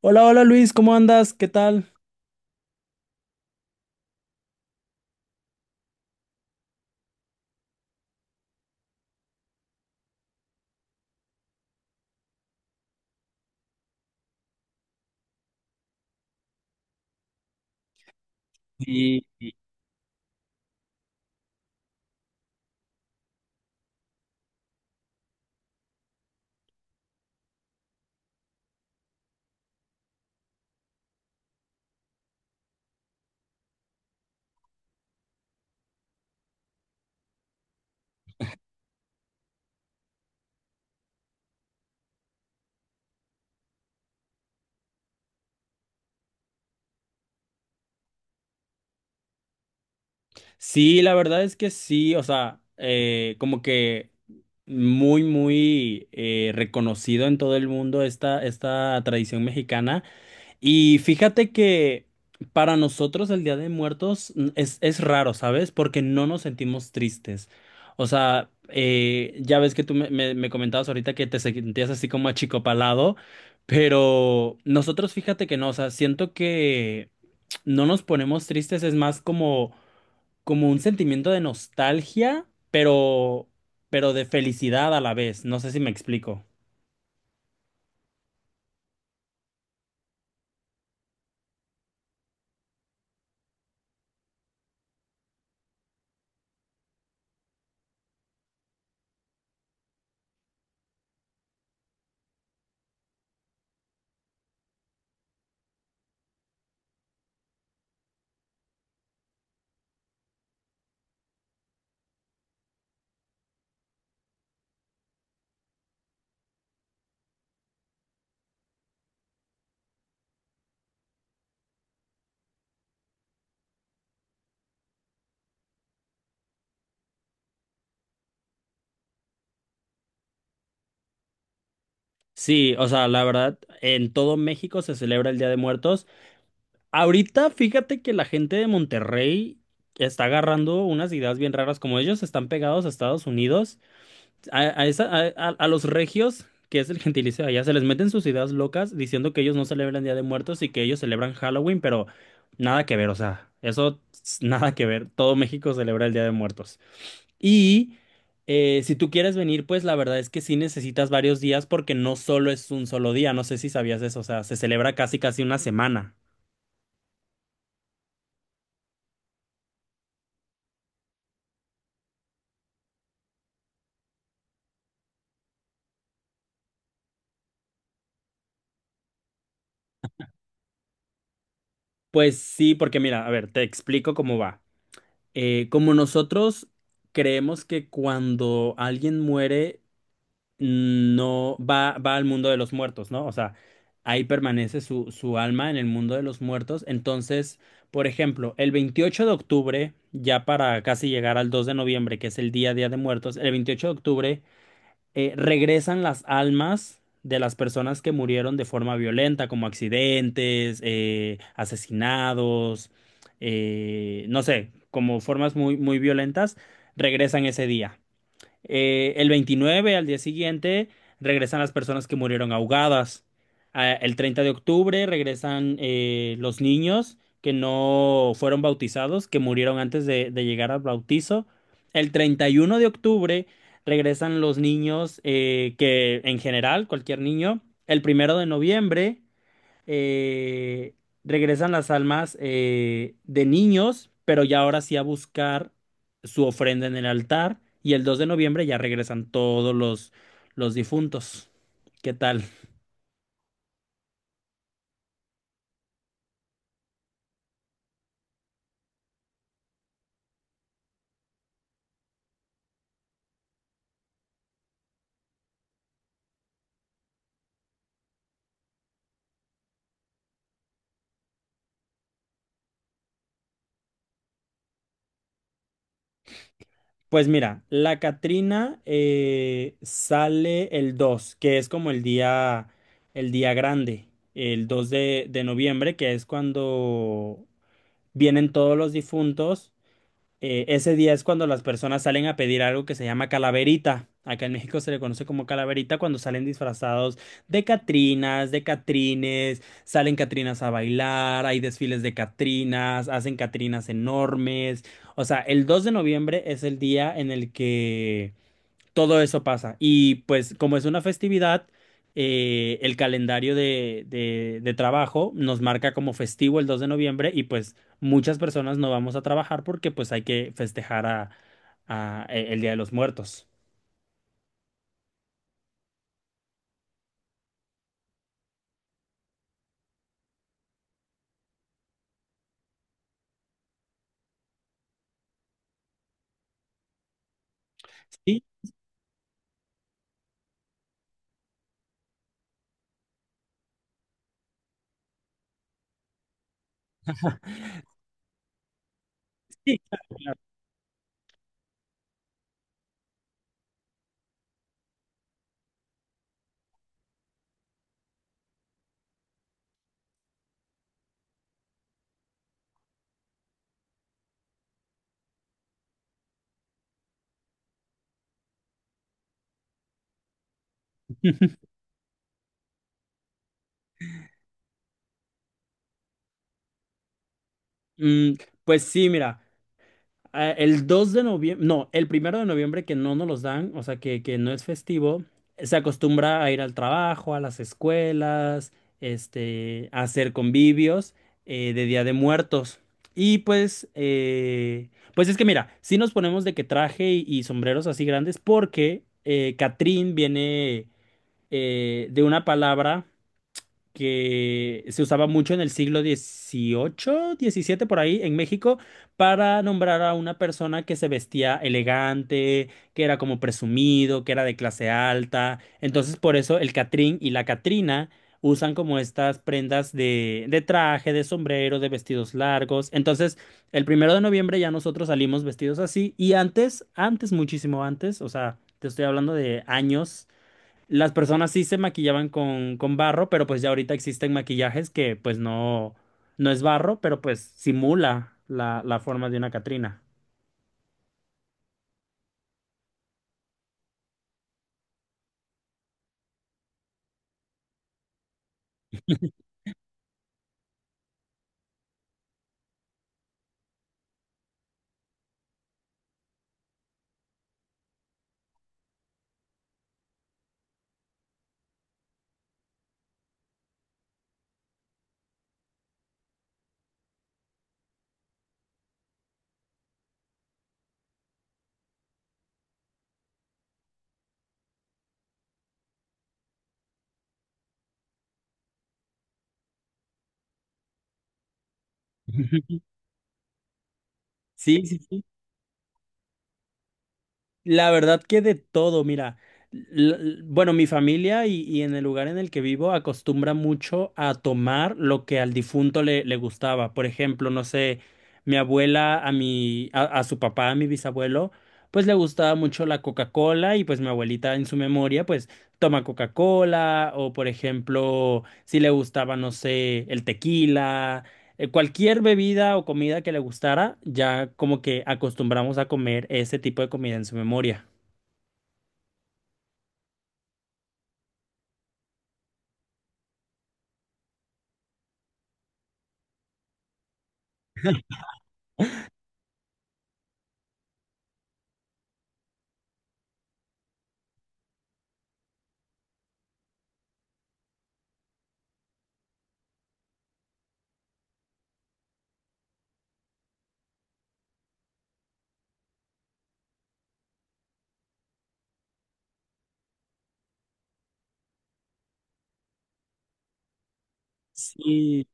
Hola, hola Luis, ¿cómo andas? ¿Qué tal? Sí, sí, la verdad es que sí, o sea, como que muy, muy, reconocido en todo el mundo esta tradición mexicana. Y fíjate que para nosotros el Día de Muertos es raro, ¿sabes? Porque no nos sentimos tristes. O sea, ya ves que tú me comentabas ahorita que te sentías así como achicopalado, pero nosotros fíjate que no, o sea, siento que no nos ponemos tristes, es más como, como un sentimiento de nostalgia, pero de felicidad a la vez. No sé si me explico. Sí, o sea, la verdad, en todo México se celebra el Día de Muertos. Ahorita, fíjate que la gente de Monterrey está agarrando unas ideas bien raras, como ellos están pegados a Estados Unidos. A esa- a los regios, que es el gentilicio de allá, se les meten sus ideas locas diciendo que ellos no celebran Día de Muertos y que ellos celebran Halloween, pero nada que ver, o sea, nada que ver. Todo México celebra el Día de Muertos. Y si tú quieres venir, pues la verdad es que sí necesitas varios días porque no solo es un solo día, no sé si sabías eso, o sea, se celebra casi casi una semana. Pues sí, porque mira, a ver, te explico cómo va. Como nosotros creemos que cuando alguien muere no va, va al mundo de los muertos, ¿no? O sea, ahí permanece su alma en el mundo de los muertos. Entonces, por ejemplo, el 28 de octubre, ya para casi llegar al 2 de noviembre, que es el Día de Muertos, el 28 de octubre regresan las almas de las personas que murieron de forma violenta, como accidentes, asesinados, no sé, como formas muy violentas, regresan ese día. El 29, al día siguiente, regresan las personas que murieron ahogadas. Ah, el 30 de octubre regresan los niños que no fueron bautizados, que murieron antes de llegar al bautizo. El 31 de octubre regresan los niños que en general, cualquier niño. El primero de noviembre eh, regresan las almas de niños, pero ya ahora sí a buscar su ofrenda en el altar. Y el 2 de noviembre ya regresan todos los difuntos. ¿Qué tal? Pues mira, la Catrina sale el dos, que es como el día grande, el 2 de noviembre, que es cuando vienen todos los difuntos. Ese día es cuando las personas salen a pedir algo que se llama calaverita. Acá en México se le conoce como calaverita cuando salen disfrazados de catrinas, de catrines, salen catrinas a bailar, hay desfiles de catrinas, hacen catrinas enormes. O sea, el 2 de noviembre es el día en el que todo eso pasa. Y pues como es una festividad, el calendario de trabajo nos marca como festivo el 2 de noviembre, y pues muchas personas no vamos a trabajar porque pues hay que festejar el Día de los Muertos. Sí, sí. Mm, pues sí, mira. El 2 de noviembre, no, el primero de noviembre, que no nos los dan, o sea, que no es festivo, se acostumbra a ir al trabajo, a las escuelas, este, a hacer convivios de Día de Muertos. Y pues, pues es que mira, sí nos ponemos de que traje y sombreros así grandes porque Catrín viene de una palabra que se usaba mucho en el siglo dieciocho, diecisiete por ahí, en México, para nombrar a una persona que se vestía elegante, que era como presumido, que era de clase alta. Entonces, por eso el Catrín y la Catrina usan como estas prendas de traje, de sombrero, de vestidos largos. Entonces, el primero de noviembre ya nosotros salimos vestidos así. Y antes, antes, muchísimo antes, o sea, te estoy hablando de años. Las personas sí se maquillaban con barro, pero pues ya ahorita existen maquillajes que pues no, no es barro, pero pues simula la forma de una Catrina. Sí, sí, sí. La verdad que de todo, mira, bueno, mi familia y en el lugar en el que vivo acostumbra mucho a tomar lo que al difunto le gustaba. Por ejemplo, no sé, mi abuela a mi, a su papá, a mi bisabuelo, pues le gustaba mucho la Coca-Cola, y pues mi abuelita en su memoria, pues toma Coca-Cola. O por ejemplo, si le gustaba, no sé, el tequila, cualquier bebida o comida que le gustara, ya como que acostumbramos a comer ese tipo de comida en su memoria. Sí,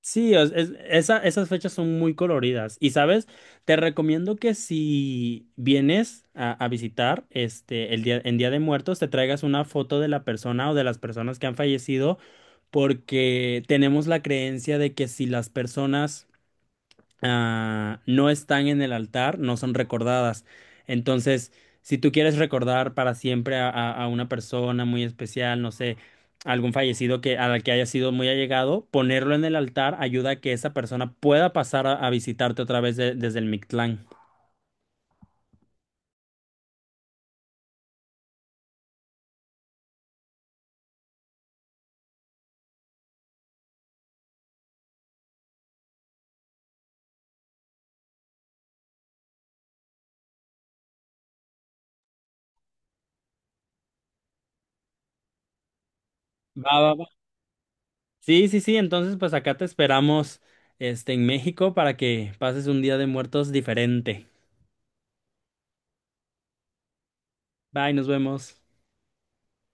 sí, esas fechas son muy coloridas. Y sabes, te recomiendo que si vienes a visitar este el día, en Día de Muertos, te traigas una foto de la persona o de las personas que han fallecido, porque tenemos la creencia de que si las personas no están en el altar, no son recordadas. Entonces, si tú quieres recordar para siempre a una persona muy especial, no sé, algún fallecido que, a la que haya sido muy allegado, ponerlo en el altar ayuda a que esa persona pueda pasar a visitarte otra vez desde el Mictlán. Va, va, va. Sí, sí, sí, entonces pues acá te esperamos este, en México para que pases un día de muertos diferente. Bye, nos vemos.